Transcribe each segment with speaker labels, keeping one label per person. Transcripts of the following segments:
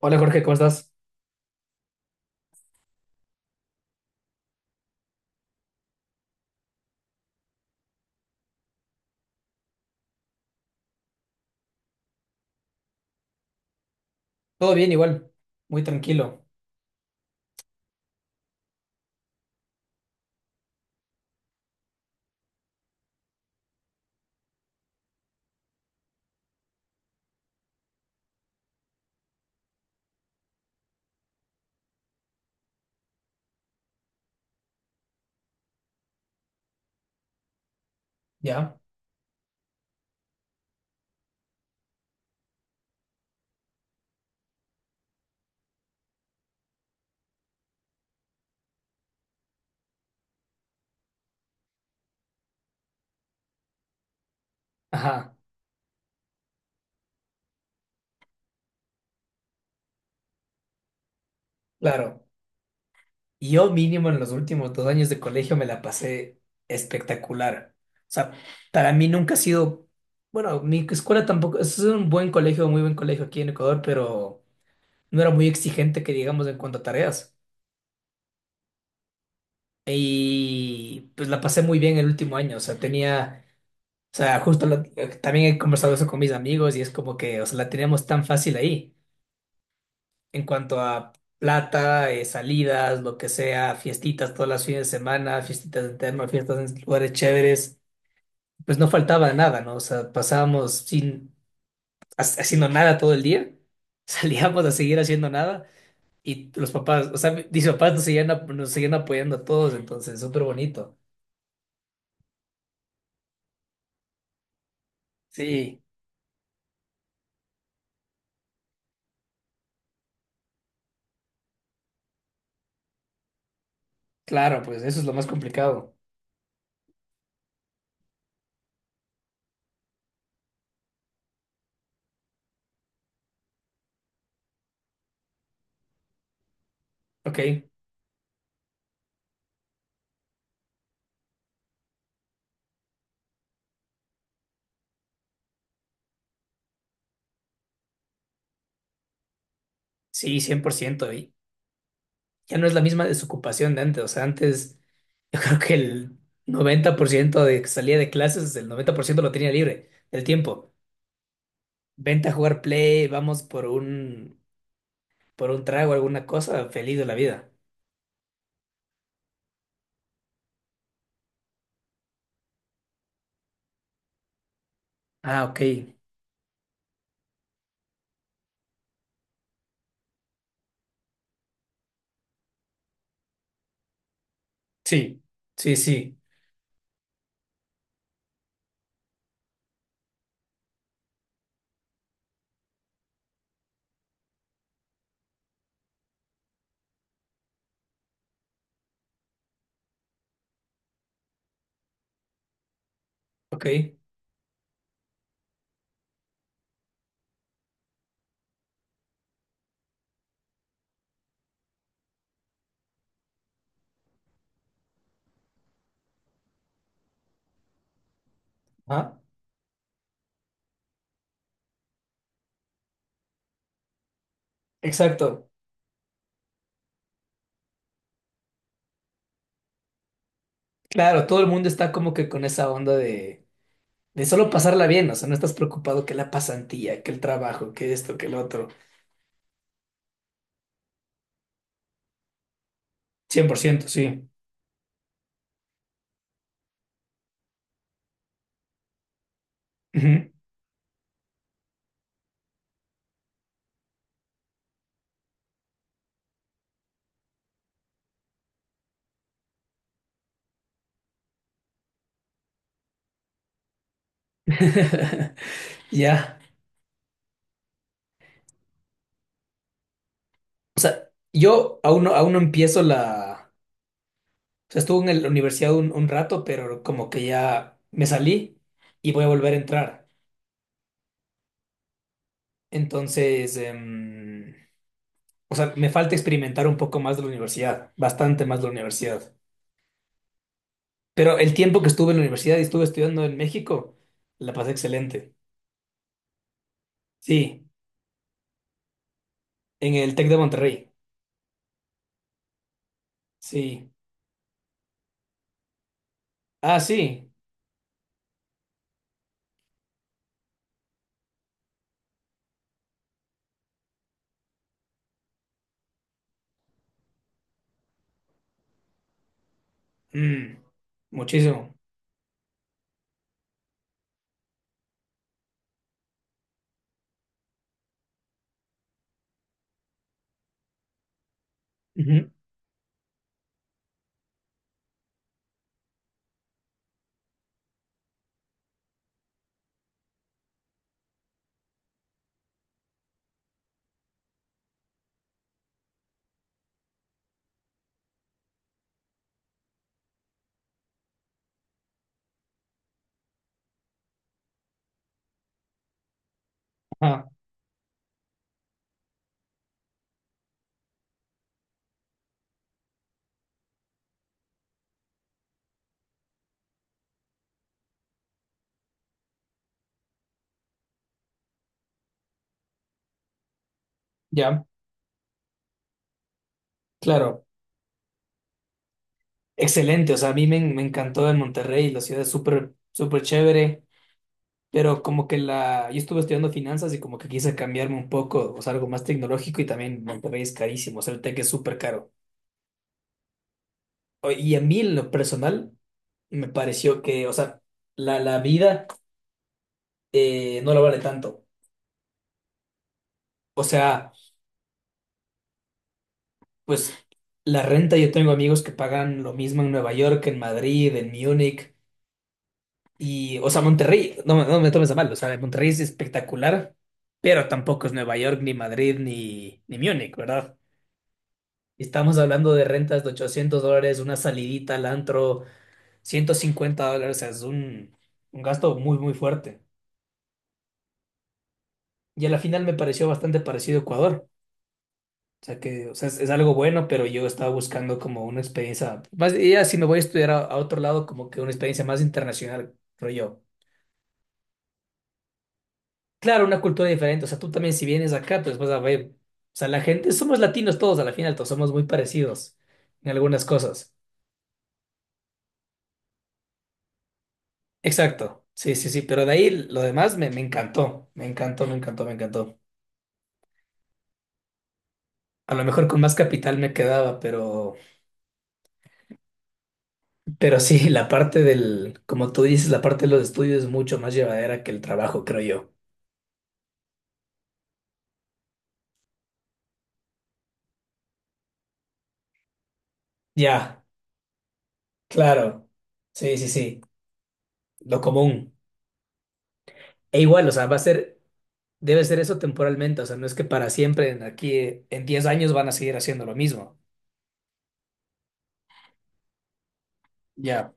Speaker 1: Hola Jorge, ¿cómo estás? Todo bien igual, muy tranquilo. ¿Ya? Ajá, claro. Yo mínimo en los últimos 2 años de colegio me la pasé espectacular. O sea, para mí nunca ha sido, bueno, mi escuela tampoco, es un buen colegio, muy buen colegio aquí en Ecuador, pero no era muy exigente que digamos en cuanto a tareas. Y pues la pasé muy bien el último año, o sea, tenía, o sea, también he conversado eso con mis amigos y es como que, o sea, la teníamos tan fácil ahí en cuanto a plata, salidas, lo que sea, fiestitas todas las fines de semana, fiestitas en terno, fiestas en lugares chéveres, pues no faltaba nada, ¿no? O sea, pasábamos sin haciendo nada todo el día, salíamos a seguir haciendo nada y los papás, o sea, mis papás nos seguían, nos seguían apoyando a todos, entonces, súper bonito. Sí, claro, pues eso es lo más complicado. Ok, sí, 100%. Y ya no es la misma desocupación de antes, o sea, antes... Yo creo que el 90% de que salía de clases, el 90% lo tenía libre del tiempo. Vente a jugar play, por un trago, alguna cosa, feliz de la vida. Ah, ok. Sí, sí, sí. Ok. Ah, exacto. Claro, todo el mundo está como que con esa onda de solo pasarla bien, o sea, no estás preocupado que la pasantía, que el trabajo, que esto, que el otro. 100% sí. Ujú. Ya. O sea, yo aún no empiezo la. O sea, estuve en la universidad un rato, pero como que ya me salí y voy a volver a entrar. Entonces, o sea, me falta experimentar un poco más de la universidad, bastante más de la universidad. Pero el tiempo que estuve en la universidad y estuve estudiando en México, la pasé excelente. Sí, en el Tec de Monterrey. Sí. Ah, sí. Mm, muchísimo. Ujú. Ajá, ya, claro. Excelente. O sea, a me encantó en Monterrey, la ciudad es súper, súper chévere. Pero como que la, yo estuve estudiando finanzas y como que quise cambiarme un poco, o sea, algo más tecnológico y también Monterrey es carísimo, o sea, el tech es súper caro. Y a mí en lo personal me pareció que, o sea, la vida no la vale tanto. O sea, pues la renta, yo tengo amigos que pagan lo mismo en Nueva York, en Madrid, en Múnich y, o sea, Monterrey, no, no me tomes a mal, o sea, Monterrey es espectacular, pero tampoco es Nueva York, ni Madrid, ni Múnich, ¿verdad? Estamos hablando de rentas de $800, una salidita al antro, $150, o sea, es un gasto muy, muy fuerte. Y a la final me pareció bastante parecido a Ecuador. O sea, que o sea, es algo bueno, pero yo estaba buscando como una experiencia, más, ya si me voy a estudiar a otro lado, como que una experiencia más internacional, creo yo. Claro, una cultura diferente, o sea, tú también si vienes acá, pues vas a ver, o sea, la gente, somos latinos todos, a la final todos somos muy parecidos en algunas cosas. Exacto, sí, sí, sí, pero de ahí lo demás me, me encantó, me encantó, me encantó, me encantó. A lo mejor con más capital me quedaba, pero sí, la parte del, como tú dices, la parte de los estudios es mucho más llevadera que el trabajo, creo yo. Ya, claro, sí, sí, sí, lo común. E igual, o sea, va a ser, debe ser eso temporalmente, o sea, no es que para siempre, en aquí, en 10 años van a seguir haciendo lo mismo. Ya,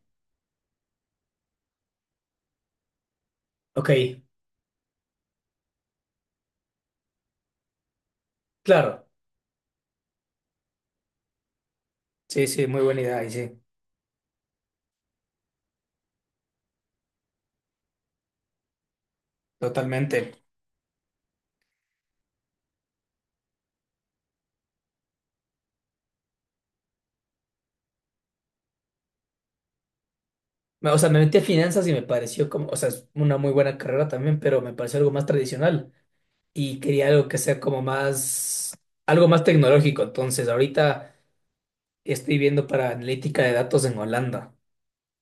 Speaker 1: ok, claro, sí, sí, muy buena idea, y sí, totalmente. O sea, me metí a finanzas y me pareció como, o sea, es una muy buena carrera también, pero me pareció algo más tradicional y quería algo que sea como más, algo más tecnológico. Entonces, ahorita estoy viendo para analítica de datos en Holanda.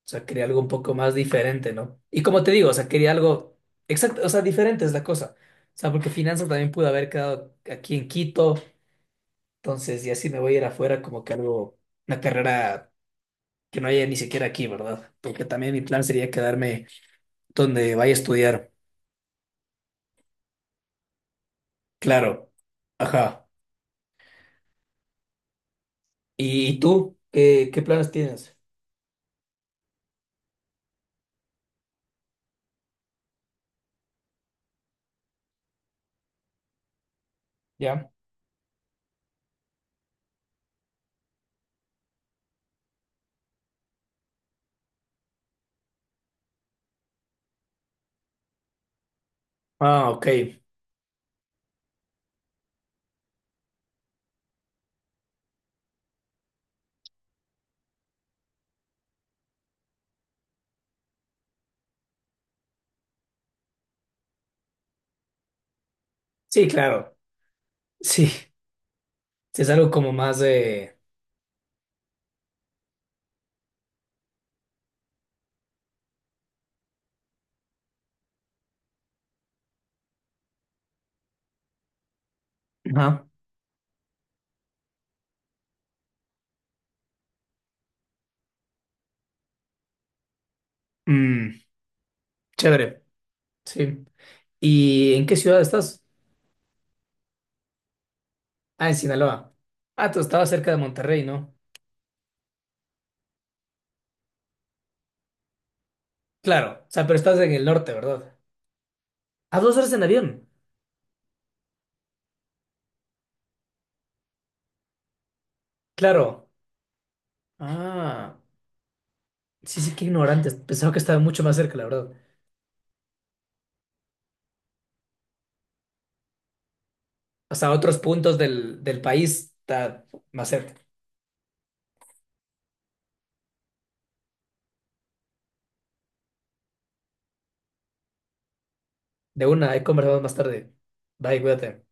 Speaker 1: O sea, quería algo un poco más diferente, ¿no? Y como te digo, o sea, quería algo exacto, o sea, diferente es la cosa. O sea, porque finanzas también pude haber quedado aquí en Quito. Entonces, y así me voy a ir afuera como que algo, una carrera que no haya ni siquiera aquí, ¿verdad? Porque también mi plan sería quedarme donde vaya a estudiar. Claro. Ajá. Y tú? ¿Qué, qué planes tienes? ¿Ya? Ah, ok. Sí, claro. Sí. Sí, es algo como más de... Ajá. Mm, chévere. Sí. ¿Y en qué ciudad estás? Ah, en Sinaloa. Ah, tú estabas cerca de Monterrey, ¿no? Claro. O sea, pero estás en el norte, ¿verdad? A 2 horas en avión. Claro. Ah. Sí, sí, qué ignorantes. Pensaba que estaba mucho más cerca, la verdad. Hasta otros puntos del país está más cerca. De una, ahí conversamos más tarde. Bye, cuídate.